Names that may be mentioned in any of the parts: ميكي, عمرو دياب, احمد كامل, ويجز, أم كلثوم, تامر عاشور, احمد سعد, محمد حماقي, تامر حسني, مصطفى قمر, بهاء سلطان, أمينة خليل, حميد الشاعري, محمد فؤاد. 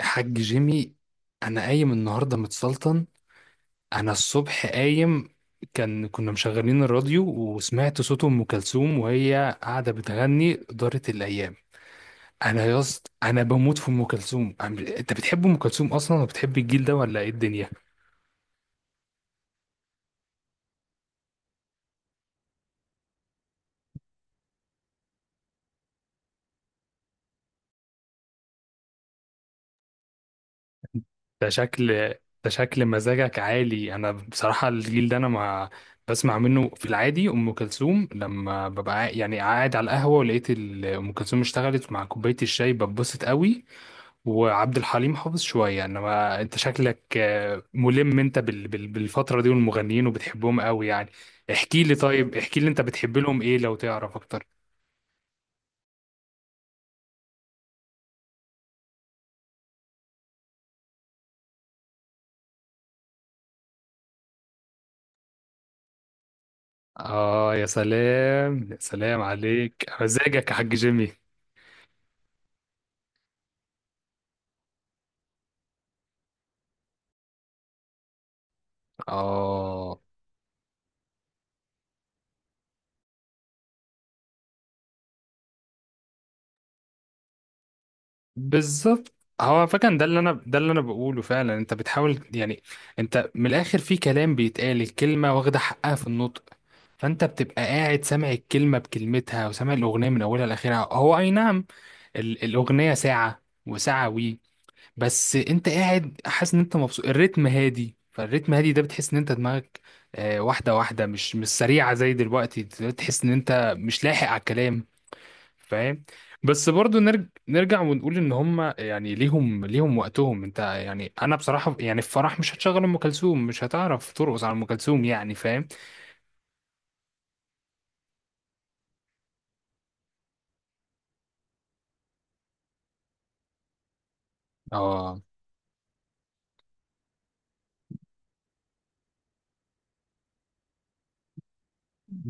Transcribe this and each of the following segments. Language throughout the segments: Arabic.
حاج جيمي، انا قايم النهارده متسلطن. انا الصبح قايم، كنا مشغلين الراديو وسمعت صوت ام كلثوم وهي قاعده بتغني دارت الايام. انا يا اسطى، انا بموت في ام كلثوم. انت بتحب ام كلثوم اصلا وبتحب الجيل ده ولا ايه الدنيا؟ ده شكل ده شكل مزاجك عالي. انا بصراحه، الجيل ده انا ما بسمع منه في العادي. ام كلثوم لما ببقى قاعد على القهوه ولقيت ام كلثوم اشتغلت مع كوبايه الشاي ببسط قوي، وعبد الحليم حافظ شوية. انما انت شكلك ملم انت بالفترة دي والمغنيين وبتحبهم قوي يعني. احكي لي، طيب احكي لي، انت بتحب لهم ايه لو تعرف اكتر؟ اه يا سلام، يا سلام عليك مزاجك يا حاج جيمي. اه، بالظبط. هو فكان ده اللي انا بقوله فعلا. انت بتحاول يعني، انت من الاخر في كلام بيتقال الكلمه واخده حقها في النطق، فانت بتبقى قاعد سامع الكلمه بكلمتها وسامع الاغنيه من اولها لاخرها. هو اي نعم، الاغنيه ساعه وساعه وي، بس انت قاعد حاسس ان انت مبسوط. الريتم هادي، فالريتم هادي ده بتحس ان انت دماغك واحده واحده، مش سريعه زي دلوقتي. تحس ان انت مش لاحق على الكلام، فاهم؟ بس برضو نرجع ونقول ان هم يعني ليهم وقتهم. انت يعني، انا بصراحه يعني، في فرح مش هتشغل ام كلثوم، مش هتعرف ترقص على ام كلثوم يعني، فاهم؟ اه،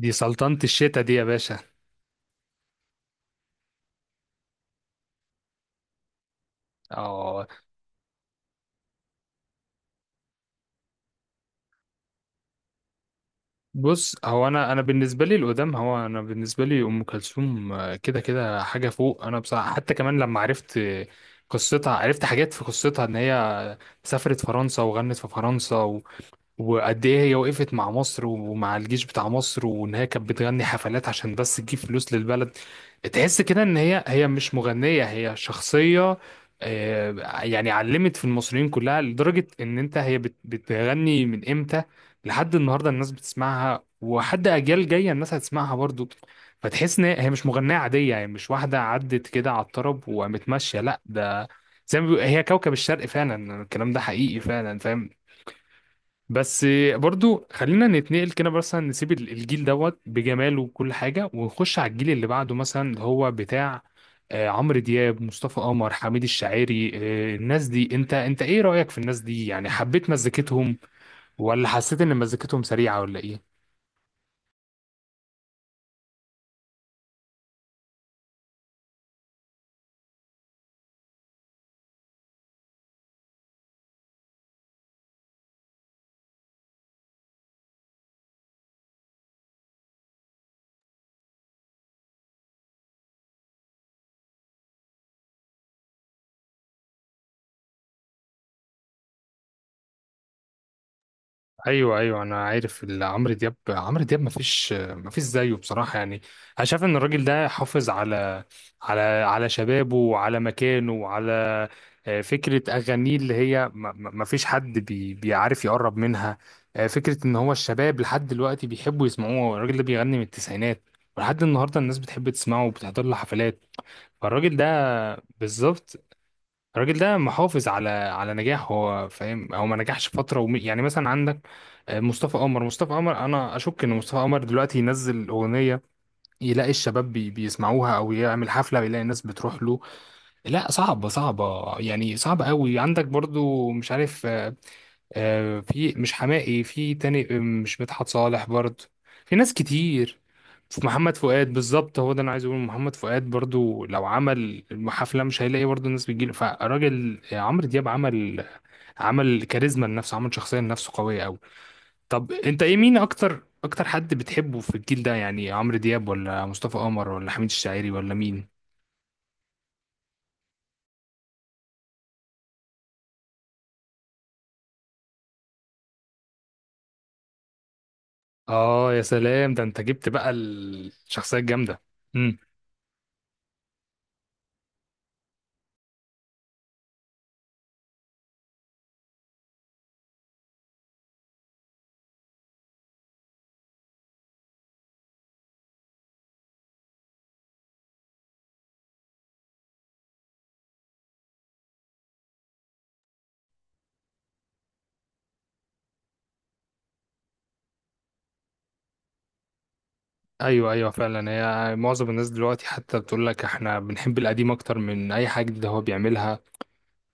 دي سلطنه الشتا دي يا باشا. اه، بص، هو انا بالنسبه لي القدام، هو انا بالنسبه لي ام كلثوم كده كده حاجه فوق. انا بصراحه حتى كمان لما عرفت قصتها، عرفت حاجات في قصتها ان هي سافرت فرنسا وغنت في فرنسا، وقد ايه هي وقفت مع مصر ومع الجيش بتاع مصر، وان هي كانت بتغني حفلات عشان بس تجيب فلوس للبلد. تحس كده ان هي مش مغنية، هي شخصية يعني علمت في المصريين كلها، لدرجة ان انت هي بتغني من امتى لحد النهاردة الناس بتسمعها، وحد اجيال جاية الناس هتسمعها برضو. فتحس ان هي مش مغنية عادية، يعني مش واحدة عدت كده على الطرب وقامت ماشية، لا، ده زي ما هي كوكب الشرق فعلا، الكلام ده حقيقي فعلا، فاهم؟ بس برضو خلينا نتنقل كده، مثلا نسيب الجيل دوت بجماله وكل حاجة، ونخش على الجيل اللي بعده، مثلا اللي هو بتاع عمرو دياب، مصطفى قمر، حميد الشاعري الناس دي. انت ايه رأيك في الناس دي؟ يعني حبيت مزيكتهم، ولا حسيت ان مزيكتهم سريعة، ولا ايه؟ ايوه، ايوه، انا عارف. عمرو دياب ما فيش زيه بصراحه يعني. انا شايف ان الراجل ده حافظ على شبابه، وعلى مكانه، وعلى فكره اغانيه، اللي هي ما فيش حد بيعرف يقرب منها فكره ان هو الشباب لحد دلوقتي بيحبوا يسمعوه. الراجل ده بيغني من التسعينات ولحد النهارده الناس بتحب تسمعه وبتحضر له حفلات. فالراجل ده بالظبط، الراجل ده محافظ على نجاح، هو فاهم. هو ما نجحش فتره يعني مثلا عندك مصطفى قمر انا اشك ان مصطفى قمر دلوقتي ينزل اغنيه يلاقي الشباب بيسمعوها، او يعمل حفله ويلاقي الناس بتروح له. لا، صعبه، صعبه، يعني صعبه قوي. عندك برضو مش عارف في، مش حماقي، في تاني مش مدحت صالح برضه. في ناس كتير، في محمد فؤاد. بالظبط، هو ده انا عايز اقول، محمد فؤاد برضه لو عمل حفله مش هيلاقي برضه الناس بتجيله. فالراجل عمرو دياب عمل كاريزما لنفسه، عمل شخصيه لنفسه قويه قوي. طب انت ايه، مين اكتر، اكتر حد بتحبه في الجيل ده؟ يعني عمرو دياب، ولا مصطفى قمر، ولا حميد الشاعري، ولا مين؟ اه يا سلام، ده انت جبت بقى الشخصيه الجامده. ايوه، ايوه، فعلا. هي معظم الناس دلوقتي حتى بتقول لك احنا بنحب القديم اكتر من اي حاجه جديده هو بيعملها،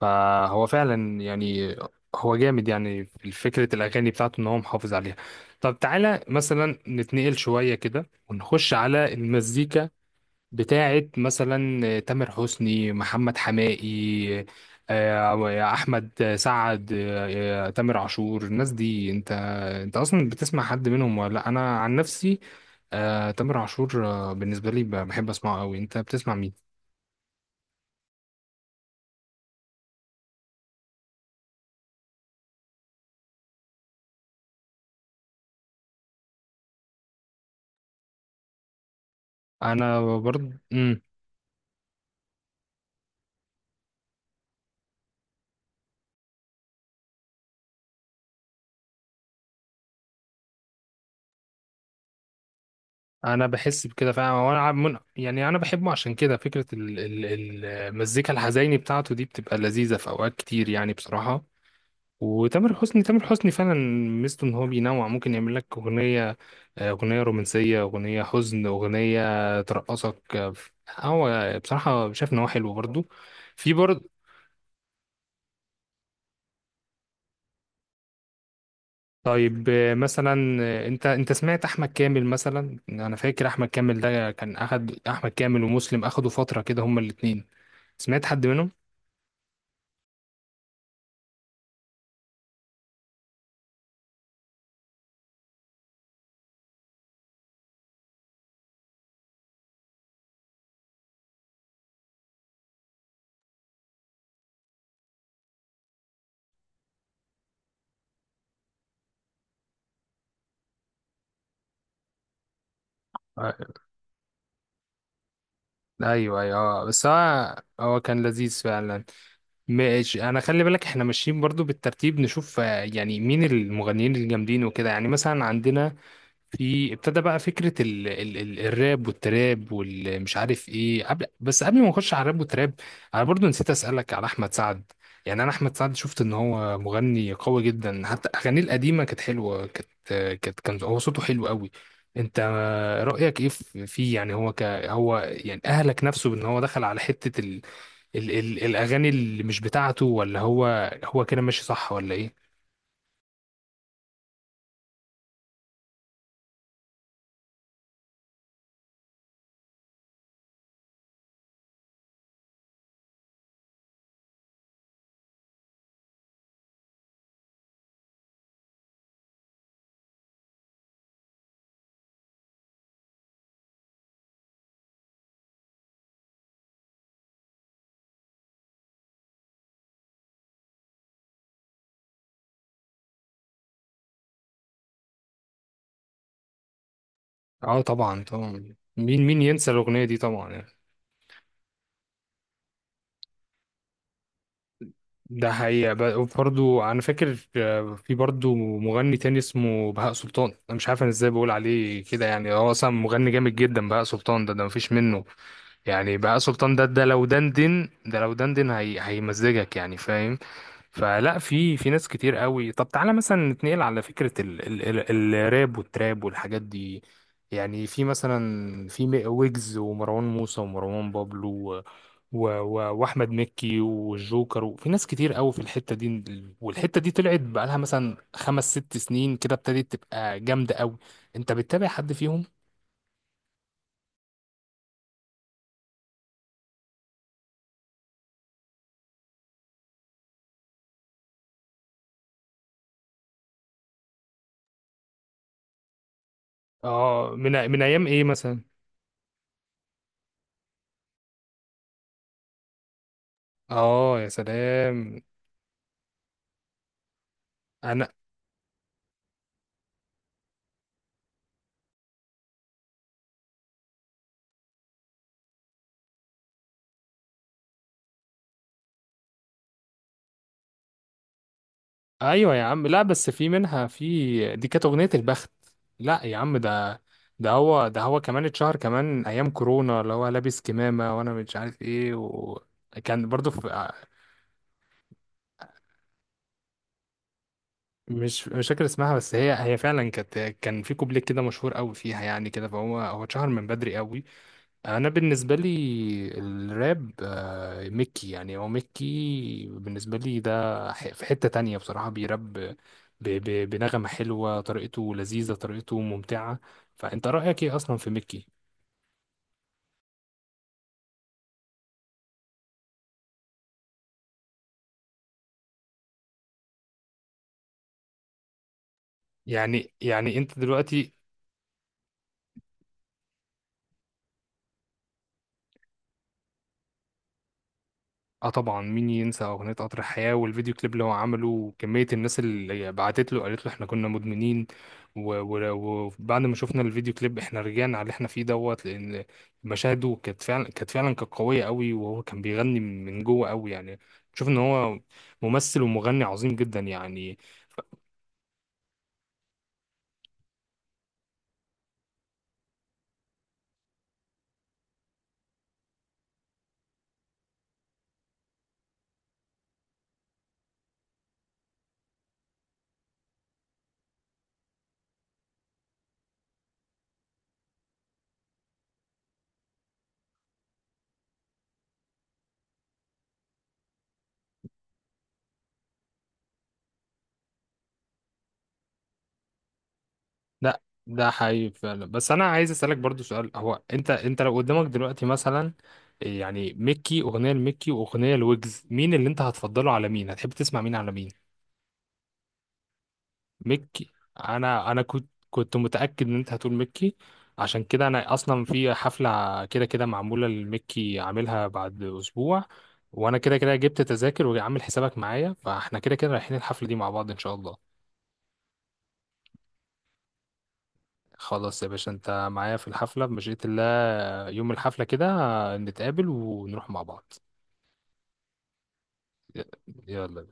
فهو فعلا يعني هو جامد، يعني في فكره الاغاني بتاعته ان هو محافظ عليها. طب تعالى مثلا نتنقل شويه كده ونخش على المزيكا بتاعت مثلا تامر حسني، محمد حماقي احمد سعد تامر عاشور، الناس دي. انت اصلا بتسمع حد منهم ولا لا؟ انا عن نفسي تامر عاشور بالنسبه لي بحب اسمعه قوي. انت بتسمع مين؟ انا برضه انا بحس بكده فعلا، وانا يعني انا بحبه عشان كده. فكره المزيكا الحزيني بتاعته دي بتبقى لذيذه في اوقات كتير يعني بصراحه. وتامر حسني، تامر حسني فعلا ميزته ان هو بينوع، ممكن يعمل لك اغنيه اغنيه رومانسيه، اغنيه حزن، اغنيه ترقصك هو بصراحه شايف ان هو حلو برضو، في برضو. طيب مثلا انت سمعت احمد كامل مثلا؟ انا فاكر احمد كامل ده كان اخد، احمد كامل ومسلم اخدوا فتره كده هما الاتنين. سمعت حد منهم؟ آه، ايوه، ايوه بس هو كان لذيذ فعلا. ماشي، انا خلي بالك احنا ماشيين برضو بالترتيب، نشوف يعني مين المغنيين الجامدين وكده. يعني مثلا عندنا، في ابتدى بقى فكرة ال الراب والتراب والمش عارف ايه، قبل، بس قبل ما نخش على الراب والتراب انا برضو نسيت اسألك على احمد سعد. يعني انا احمد سعد شفت ان هو مغني قوي جدا، حتى اغانيه القديمة كانت حلوة، كان هو صوته حلو قوي. انت رأيك ايه فيه؟ يعني هو يعني اهلك نفسه بان هو دخل على حتة ال ال الاغاني اللي مش بتاعته، ولا هو هو كده ماشي صح، ولا ايه؟ اه، طبعا، طبعا، مين ينسى الاغنيه دي طبعا يعني. ده حقيقه. برضه انا فاكر في برضه مغني تاني اسمه بهاء سلطان. انا مش عارف انا ازاي بقول عليه كده يعني، هو اصلا مغني جامد جدا. بهاء سلطان ده مفيش منه. يعني بهاء سلطان ده، ده لو دندن هيمزجك يعني، فاهم؟ فلا، في ناس كتير قوي. طب تعالى مثلا نتنقل على فكرة ال الراب والتراب والحاجات دي. يعني في مثلا، ويجز، ومروان موسى، ومروان بابلو، و و و واحمد مكي، والجوكر، وفي ناس كتير قوي في الحتة دي. والحتة دي طلعت بقالها مثلا خمس ست سنين كده ابتدت تبقى جامدة قوي. انت بتتابع حد فيهم؟ اه، من ايام ايه مثلا؟ اه يا سلام. انا، ايوه يا عم. لا بس في منها، في دي كانت اغنيه البخت. لا يا عم، ده هو كمان اتشهر كمان ايام كورونا، اللي هو لابس كمامه وانا مش عارف ايه، وكان برضو في مش فاكر اسمها. بس هي فعلا كان في كوبليه كده مشهور قوي فيها يعني كده. فهو اتشهر من بدري قوي. انا بالنسبه لي الراب ميكي، يعني هو ميكي بالنسبه لي ده، في حته تانية بصراحه. بيراب بنغمه حلوه، طريقته لذيذه، طريقته ممتعه. فانت رايك ايه اصلا في ميكي؟ يعني انت دلوقتي، اه، طبعا، مين ينسى اغنيه قطر الحياه والفيديو كليب اللي هو عمله، وكميه الناس اللي بعتت له قالت له احنا كنا مدمنين، وبعد ما شفنا الفيديو كليب احنا رجعنا على اللي احنا فيه دوت. لان مشاهده كانت قويه قوي، وهو كان بيغني من جوه قوي يعني. شوف ان هو ممثل ومغني عظيم جدا يعني. لا، ده حقيقي فعلا. بس انا عايز اسالك برضو سؤال، هو انت لو قدامك دلوقتي مثلا يعني ميكي، اغنيه لميكي واغنيه لويجز، مين اللي انت هتفضله على مين؟ هتحب تسمع مين على مين؟ ميكي. انا كنت متاكد ان انت هتقول ميكي. عشان كده انا اصلا في حفله كده كده معموله لميكي عاملها بعد اسبوع، وانا كده كده جبت تذاكر وعامل حسابك معايا، فاحنا كده كده رايحين الحفله دي مع بعض ان شاء الله. خلاص يا باشا، انت معايا في الحفلة بمشيئة الله. يوم الحفلة كده نتقابل ونروح مع بعض. يلا.